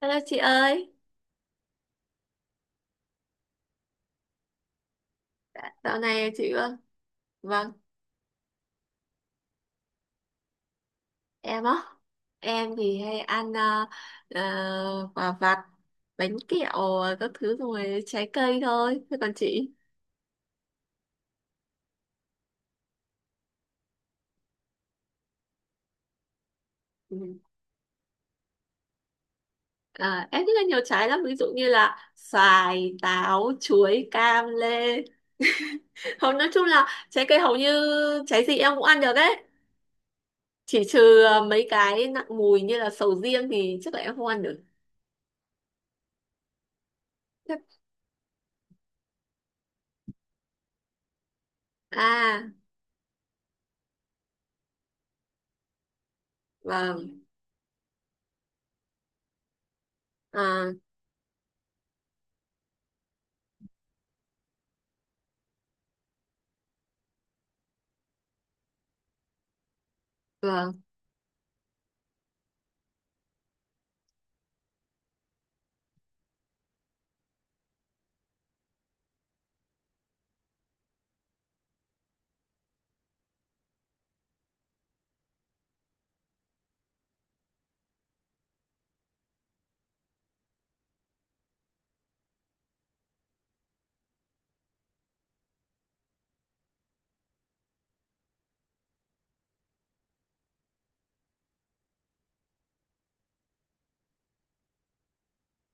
Hello chị ơi, dạo này chị vâng, vâng. Em á, em thì hay ăn quả vặt, bánh kẹo các thứ rồi trái cây thôi. Thế còn chị? Ừ. À, em thích ăn nhiều trái lắm, ví dụ như là xoài, táo, chuối, cam, lê. Hầu nói chung là trái cây hầu như trái gì em cũng ăn được đấy. Chỉ trừ mấy cái nặng mùi như là sầu riêng thì chắc là em không ăn được. Chắc- À, vâng, à, vâng.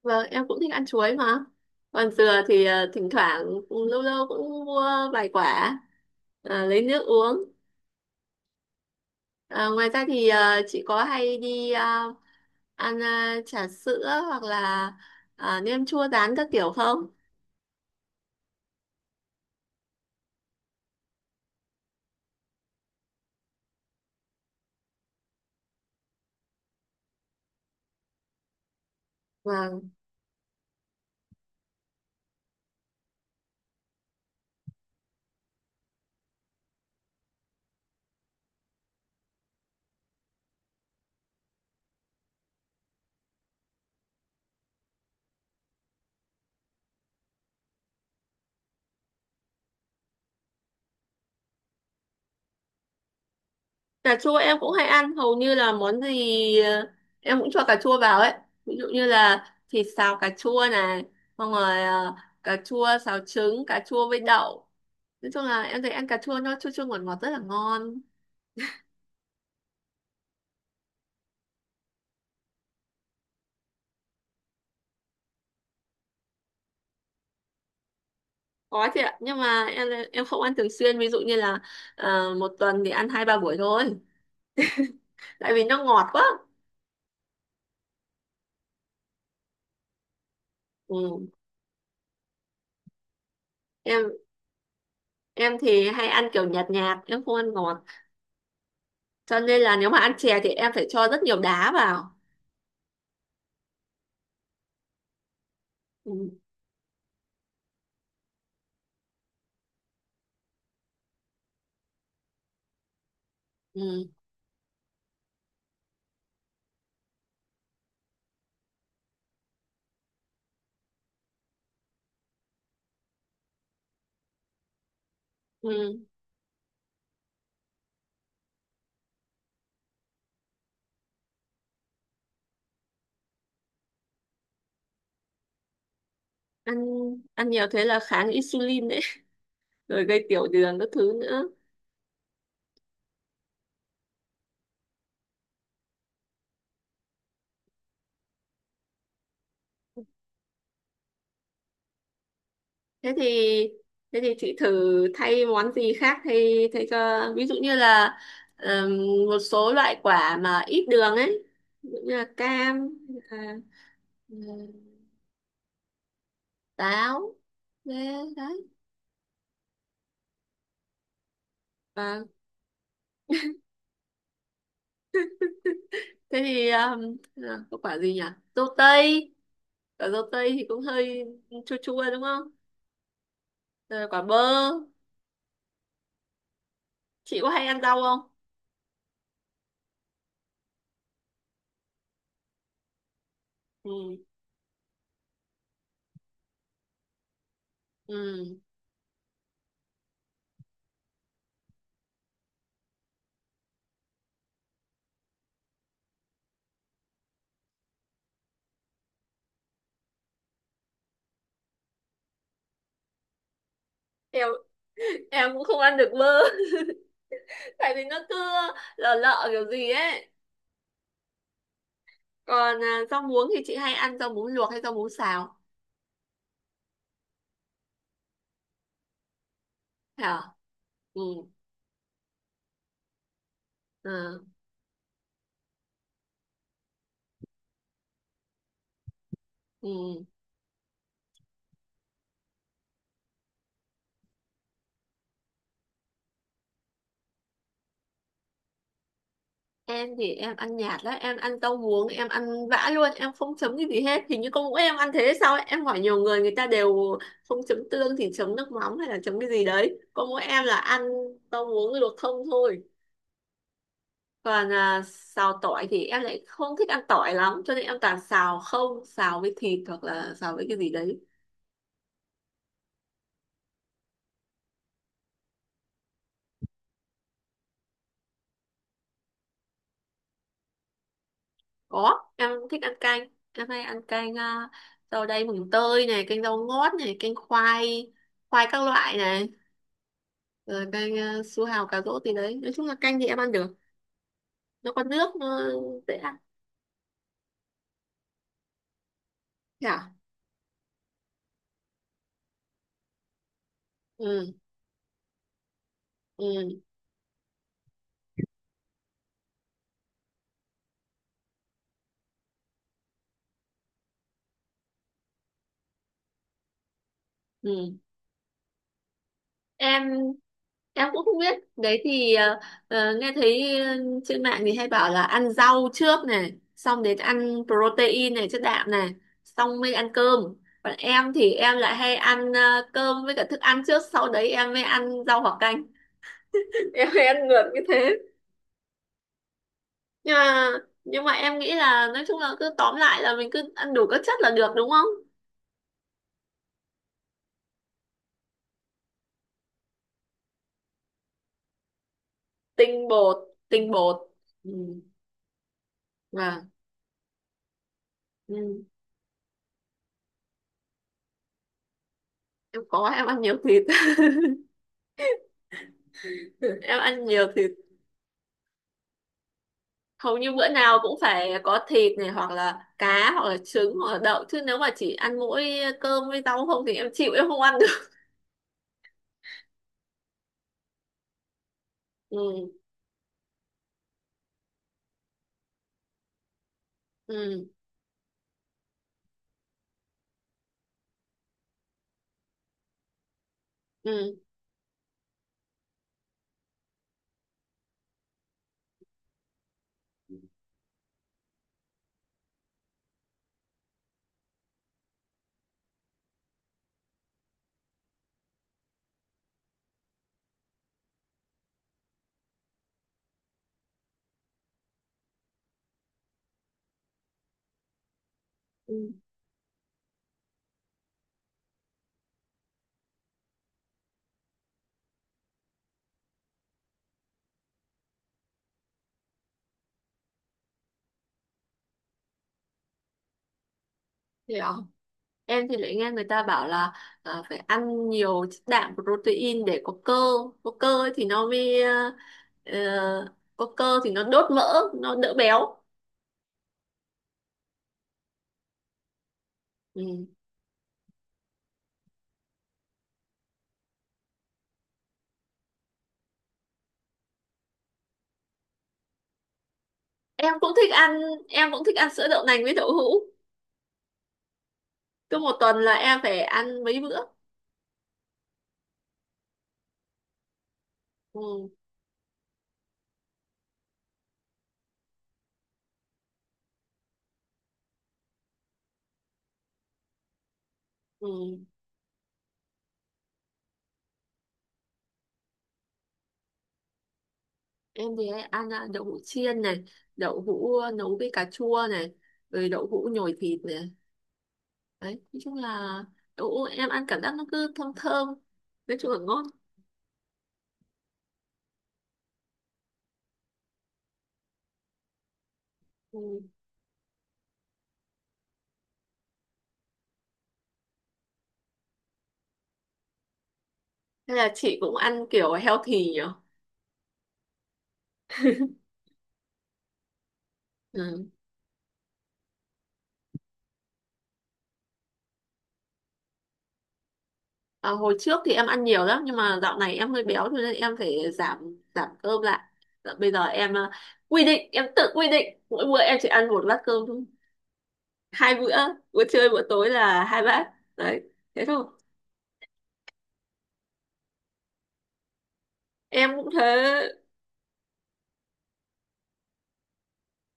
Vâng, em cũng thích ăn chuối mà. Còn dừa thì thỉnh thoảng lâu lâu cũng mua vài quả, lấy nước uống. Ờ, ngoài ra thì chị có hay đi ăn trà sữa hoặc là nem chua rán các kiểu không? Vâng. Cà chua em cũng hay ăn, hầu như là món gì em cũng cho cà chua vào ấy. Ví dụ như là thịt xào cà chua này, xong rồi cà chua xào trứng, cà chua với đậu. Nói chung là em thấy ăn cà chua nó chua chua ngọt ngọt rất là ngon. Có chị ạ, nhưng mà em không ăn thường xuyên, ví dụ như là một tuần thì ăn hai ba buổi thôi, tại vì nó ngọt quá. Ừ. em em thì hay ăn kiểu nhạt nhạt, em không ăn ngọt, cho nên là nếu mà ăn chè thì em phải cho rất nhiều đá vào. Ừ. Ừ. Ừ. ăn Ăn nhiều thế là kháng insulin đấy. Rồi gây tiểu đường các thứ nữa. thế thì Thế thì chị thử thay món gì khác, thay thay cho ví dụ như là ừm, một số loại quả mà ít đường ấy, ví dụ như là cam, à, ừm, táo, thế đấy. Và thế thì, là có quả gì nhỉ, dâu tây, quả dâu tây thì cũng hơi chua chua đúng không. Rồi quả bơ. Chị có hay ăn rau không? Ừ. Ừ. Em. Em cũng không ăn được bơ. Tại vì nó cứ lợ lợ kiểu gì ấy. Còn rau muống thì chị hay ăn rau muống luộc hay rau muống xào? Hả. Ừ. Ờ. Ừ. Em thì em ăn nhạt lắm, em ăn rau muống em ăn vã luôn, em không chấm cái gì hết, hình như con mỗi em ăn thế hay sao ấy. Em hỏi nhiều người, người ta đều không chấm tương thì chấm nước mắm hay là chấm cái gì đấy, con mỗi em là ăn rau muống luộc không thôi. Còn xào tỏi thì em lại không thích ăn tỏi lắm, cho nên em toàn xào không, xào với thịt hoặc là xào với cái gì đấy. Có, em thích ăn canh. Em hay ăn canh, rau đay mùng tơi này, canh rau ngót này, canh khoai, khoai các loại này, rồi canh, su hào cà rốt gì đấy. Nói chung là canh thì em ăn được. Nó có nước, nó dễ ăn. Dạ. Ừ, ừ, ừ. Em em cũng không biết, đấy thì nghe thấy trên mạng thì hay bảo là ăn rau trước này, xong đến ăn protein này, chất đạm này, xong mới ăn cơm. Còn em thì em lại hay ăn cơm với cả thức ăn trước, sau đấy em mới ăn rau hoặc canh. Em hay ăn ngược như thế. Nhưng mà nhưng mà em nghĩ là nói chung là cứ tóm lại là mình cứ ăn đủ các chất là được đúng không. Tinh bột tinh bột Ừ. Vâng. Ừ. Em có, em ăn nhiều thịt. Em ăn nhiều thịt, hầu như bữa nào cũng phải có thịt này hoặc là cá hoặc là trứng hoặc là đậu, chứ nếu mà chỉ ăn mỗi cơm với rau không thì em chịu, em không ăn được. Ừ. Ừ. Ừ. Ừ. Hiểu. Em thì lại nghe người ta bảo là phải ăn nhiều chất đạm protein để có cơ, có cơ ấy thì nó mới, ờ, có cơ thì nó đốt mỡ, nó đỡ béo. Ừ. Em cũng thích ăn. Em cũng thích ăn sữa đậu nành với đậu hũ, cứ một tuần là em phải ăn mấy bữa. Ừ. Ừ. Em thì hay ăn đậu hũ chiên này, đậu hũ nấu với cà chua này, rồi đậu hũ nhồi thịt này. Đấy, nói chung là đậu hũ em ăn cảm giác nó cứ thơm thơm, nói chung là ngon. Ừ. Thế là chị cũng ăn kiểu healthy nhỉ? Ừ. À, hồi trước thì em ăn nhiều lắm, nhưng mà dạo này em hơi béo cho nên em phải giảm giảm cơm lại. Dạ, bây giờ em quy định, em tự quy định mỗi bữa em chỉ ăn một bát cơm thôi. Hai bữa, bữa trưa bữa tối là hai bát. Đấy, thế thôi. Em cũng thế,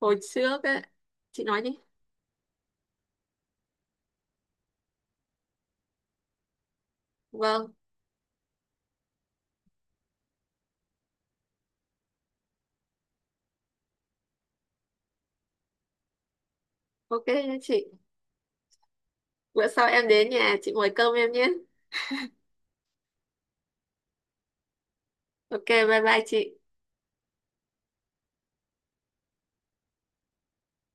hồi trước ấy. Chị nói đi. Vâng. OK nhé chị, bữa sau em đến nhà chị mời cơm em nhé. OK, bye bye chị.